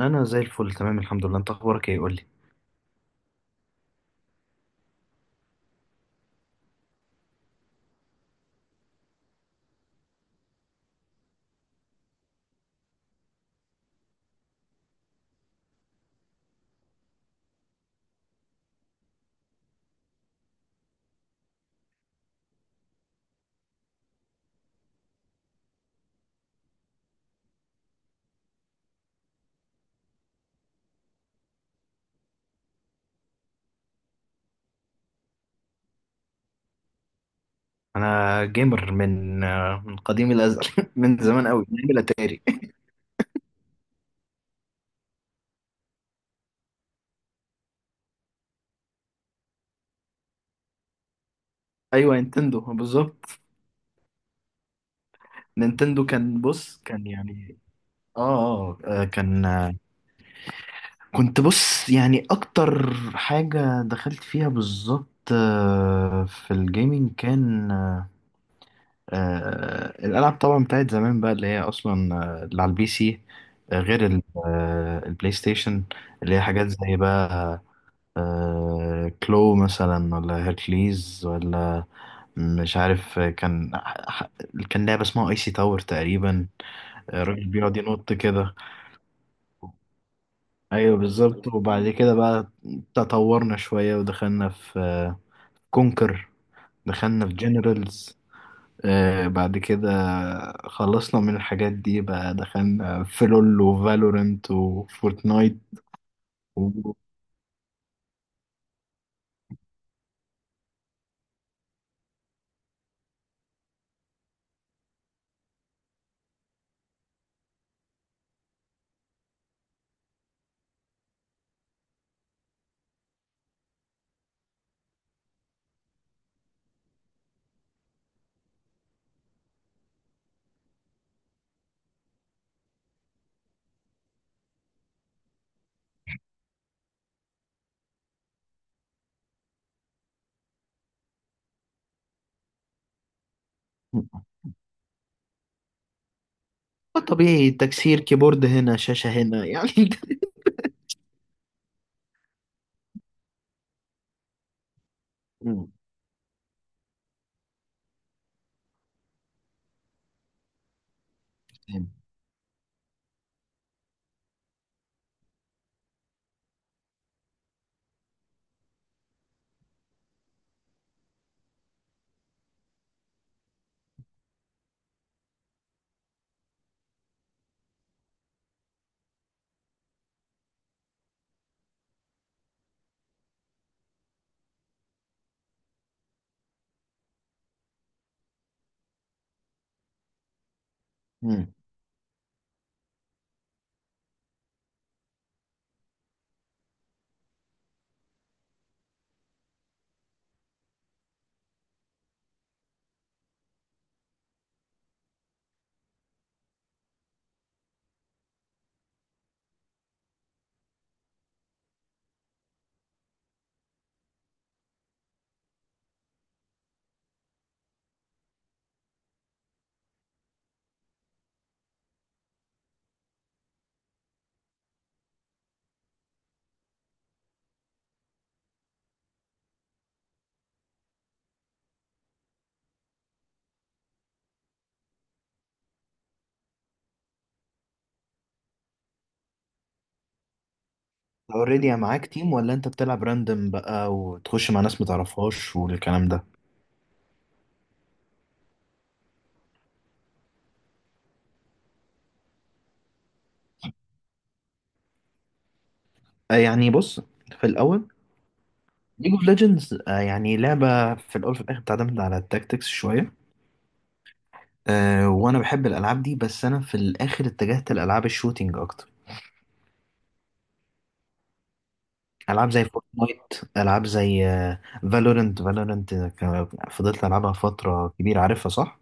انا زي الفل، تمام الحمد لله. انت اخبارك ايه، قول لي؟ انا جيمر من من قديم الازل من زمان قوي، من ايام الاتاري. ايوه، نينتندو بالظبط. نينتندو كان، بص، كان يعني كان كنت بص يعني اكتر حاجه دخلت فيها بالظبط، في الجيمنج، كان الالعاب طبعا بتاعت زمان بقى، اللي هي اصلا اللي على البي سي، غير البلاي ستيشن، اللي هي حاجات زي بقى كلو مثلا، ولا هيركليز، ولا مش عارف. كان ح- كان لعبة اسمها ايسي تاور تقريبا، الراجل بيقعد ينط كده. ايوه بالظبط. وبعد كده بقى تطورنا شوية، ودخلنا في كونكر، دخلنا في جنرالز. بعد كده خلصنا من الحاجات دي بقى، دخلنا في لول وفالورنت وفورتنايت و... طبيعي، تكسير كيبورد هنا، شاشة هنا يعني. مم. مم. اوريدي معاك تيم، ولا انت بتلعب راندم بقى وتخش مع ناس متعرفهاش والكلام ده؟ يعني بص، في الاول ليج اوف ليجندز يعني لعبه، في الاول في الاخر بتعتمد على التاكتكس شويه. وانا بحب الالعاب دي، بس انا في الاخر اتجهت لالعاب الشوتينج اكتر. العاب زي فورتنايت، العاب زي فالورنت، فضلت العبها فتره كبيره، عارفها صح؟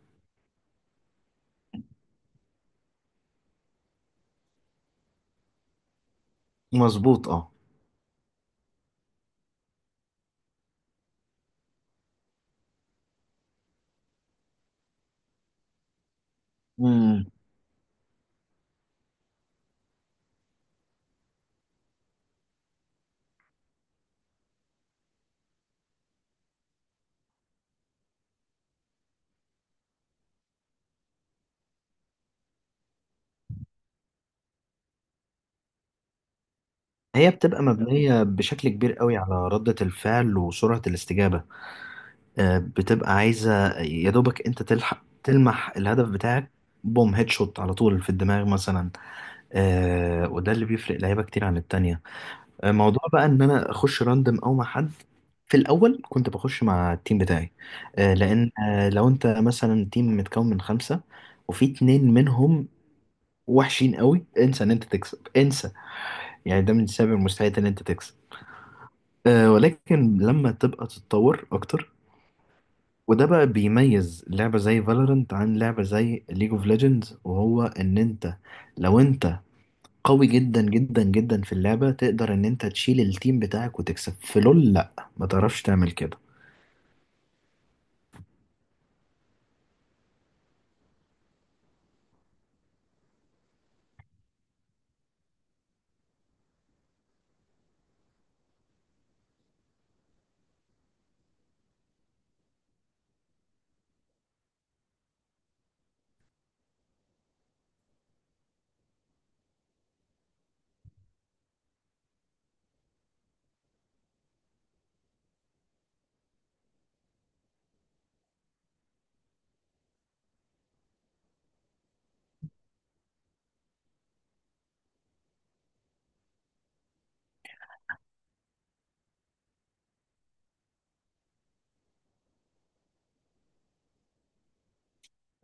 مظبوط، اه. مم. هي بتبقى مبنيه بشكل كبير قوي على رده الفعل وسرعه الاستجابه. بتبقى عايزة يا دوبك انت تلحق تلمح الهدف بتاعك، بوم، هيد شوت على طول في الدماغ مثلا. وده اللي بيفرق لعيبة كتير عن التانية. موضوع بقى ان انا اخش راندم او مع حد، في الاول كنت بخش مع التيم بتاعي. لان لو انت مثلا تيم متكون من 5، وفي 2 منهم وحشين قوي، انسى ان انت تكسب، انسى. يعني ده من سبب المستحيل ان انت تكسب. ولكن لما تبقى تتطور اكتر، وده بقى بيميز لعبة زي فالورنت عن لعبة زي ليج اوف ليجندز، وهو ان انت، لو انت قوي جدا جدا جدا في اللعبة، تقدر ان انت تشيل التيم بتاعك وتكسب. في لول لا، ما تعرفش تعمل كده.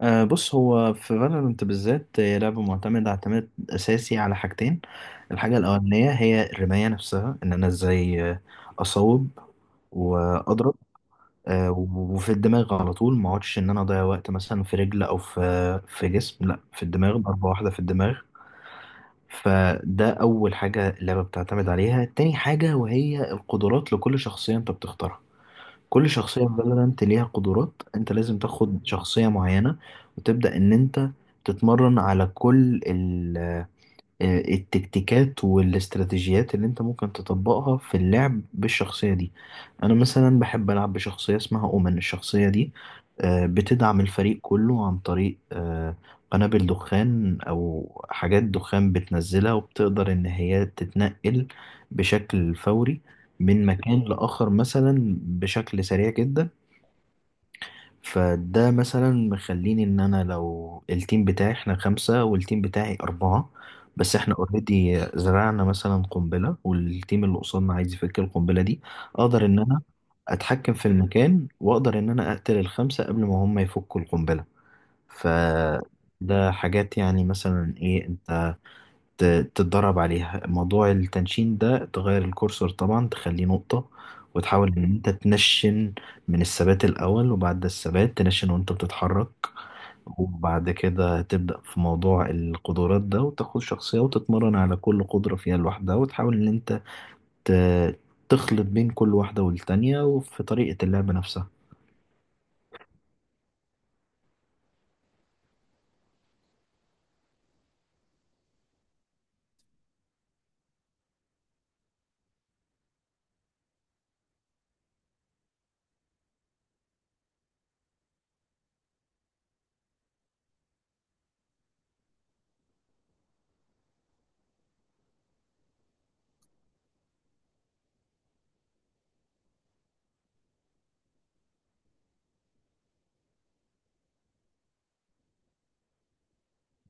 بص، هو في فالورنت بالذات، هي لعبة معتمدة اعتماد اساسي على حاجتين. الحاجة الاولانية هي الرماية نفسها، ان انا ازاي اصوب واضرب، آه، وفي الدماغ على طول، ما اقعدش ان انا اضيع وقت مثلا في رجل او في جسم، لا، في الدماغ، ضربة واحدة في الدماغ. فده اول حاجة اللعبة بتعتمد عليها. تاني حاجة وهي القدرات لكل شخصية انت بتختارها. كل شخصية في فالورانت ليها قدرات، انت لازم تاخد شخصية معينة، وتبدأ ان انت تتمرن على كل التكتيكات والاستراتيجيات اللي انت ممكن تطبقها في اللعب بالشخصية دي. انا مثلا بحب العب بشخصية اسمها اومن. الشخصية دي بتدعم الفريق كله عن طريق قنابل دخان او حاجات دخان بتنزلها، وبتقدر ان هي تتنقل بشكل فوري من مكان لآخر مثلا بشكل سريع جدا. فده مثلا مخليني ان انا، لو التيم بتاعي احنا 5 والتيم بتاعي 4، بس احنا اوريدي زرعنا مثلا قنبلة، والتيم اللي قصادنا عايز يفك القنبلة دي، اقدر ان انا اتحكم في المكان، واقدر ان انا اقتل الخمسة قبل ما هم يفكوا القنبلة. فده حاجات يعني مثلا ايه، انت ت- تتدرب عليها. موضوع التنشين ده، تغير الكورسور طبعا، تخليه نقطة، وتحاول ان انت تنشن من الثبات الاول، وبعد الثبات تنشن وانت بتتحرك. وبعد كده تبدأ في موضوع القدرات ده، وتاخد شخصية وتتمرن على كل قدرة فيها لوحدها، وتحاول ان انت ت- تخلط بين كل واحدة والتانية، وفي طريقة اللعب نفسها.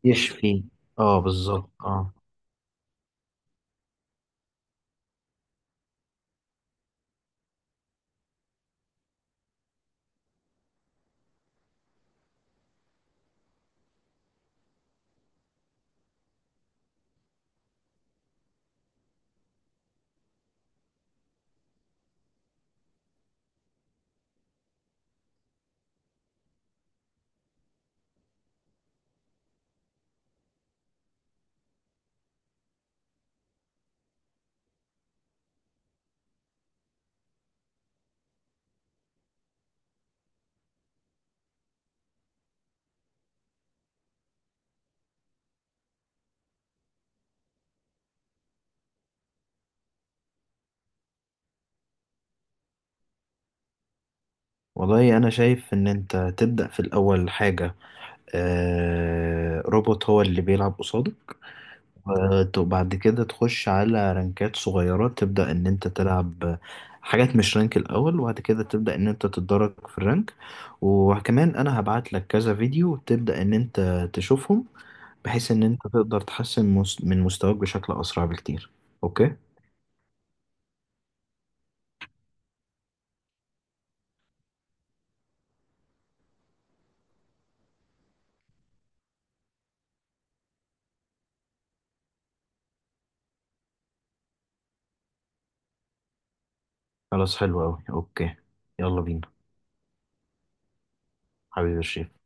يشفي. اه بالظبط، اه. والله انا شايف ان انت تبدأ في الاول حاجة، روبوت هو اللي بيلعب قصاده. وبعد كده تخش على رانكات صغيرة، تبدأ إن أنت تلعب حاجات مش رانك الأول، وبعد كده تبدأ إن أنت تتدرج في الرانك. وكمان أنا هبعت لك كذا فيديو تبدأ إن أنت تشوفهم، بحيث إن أنت تقدر تحسن من مستواك بشكل أسرع بكتير. أوكي. خلاص، حلو أوي. أوكي، يلا بينا. حبيبي الشيخ.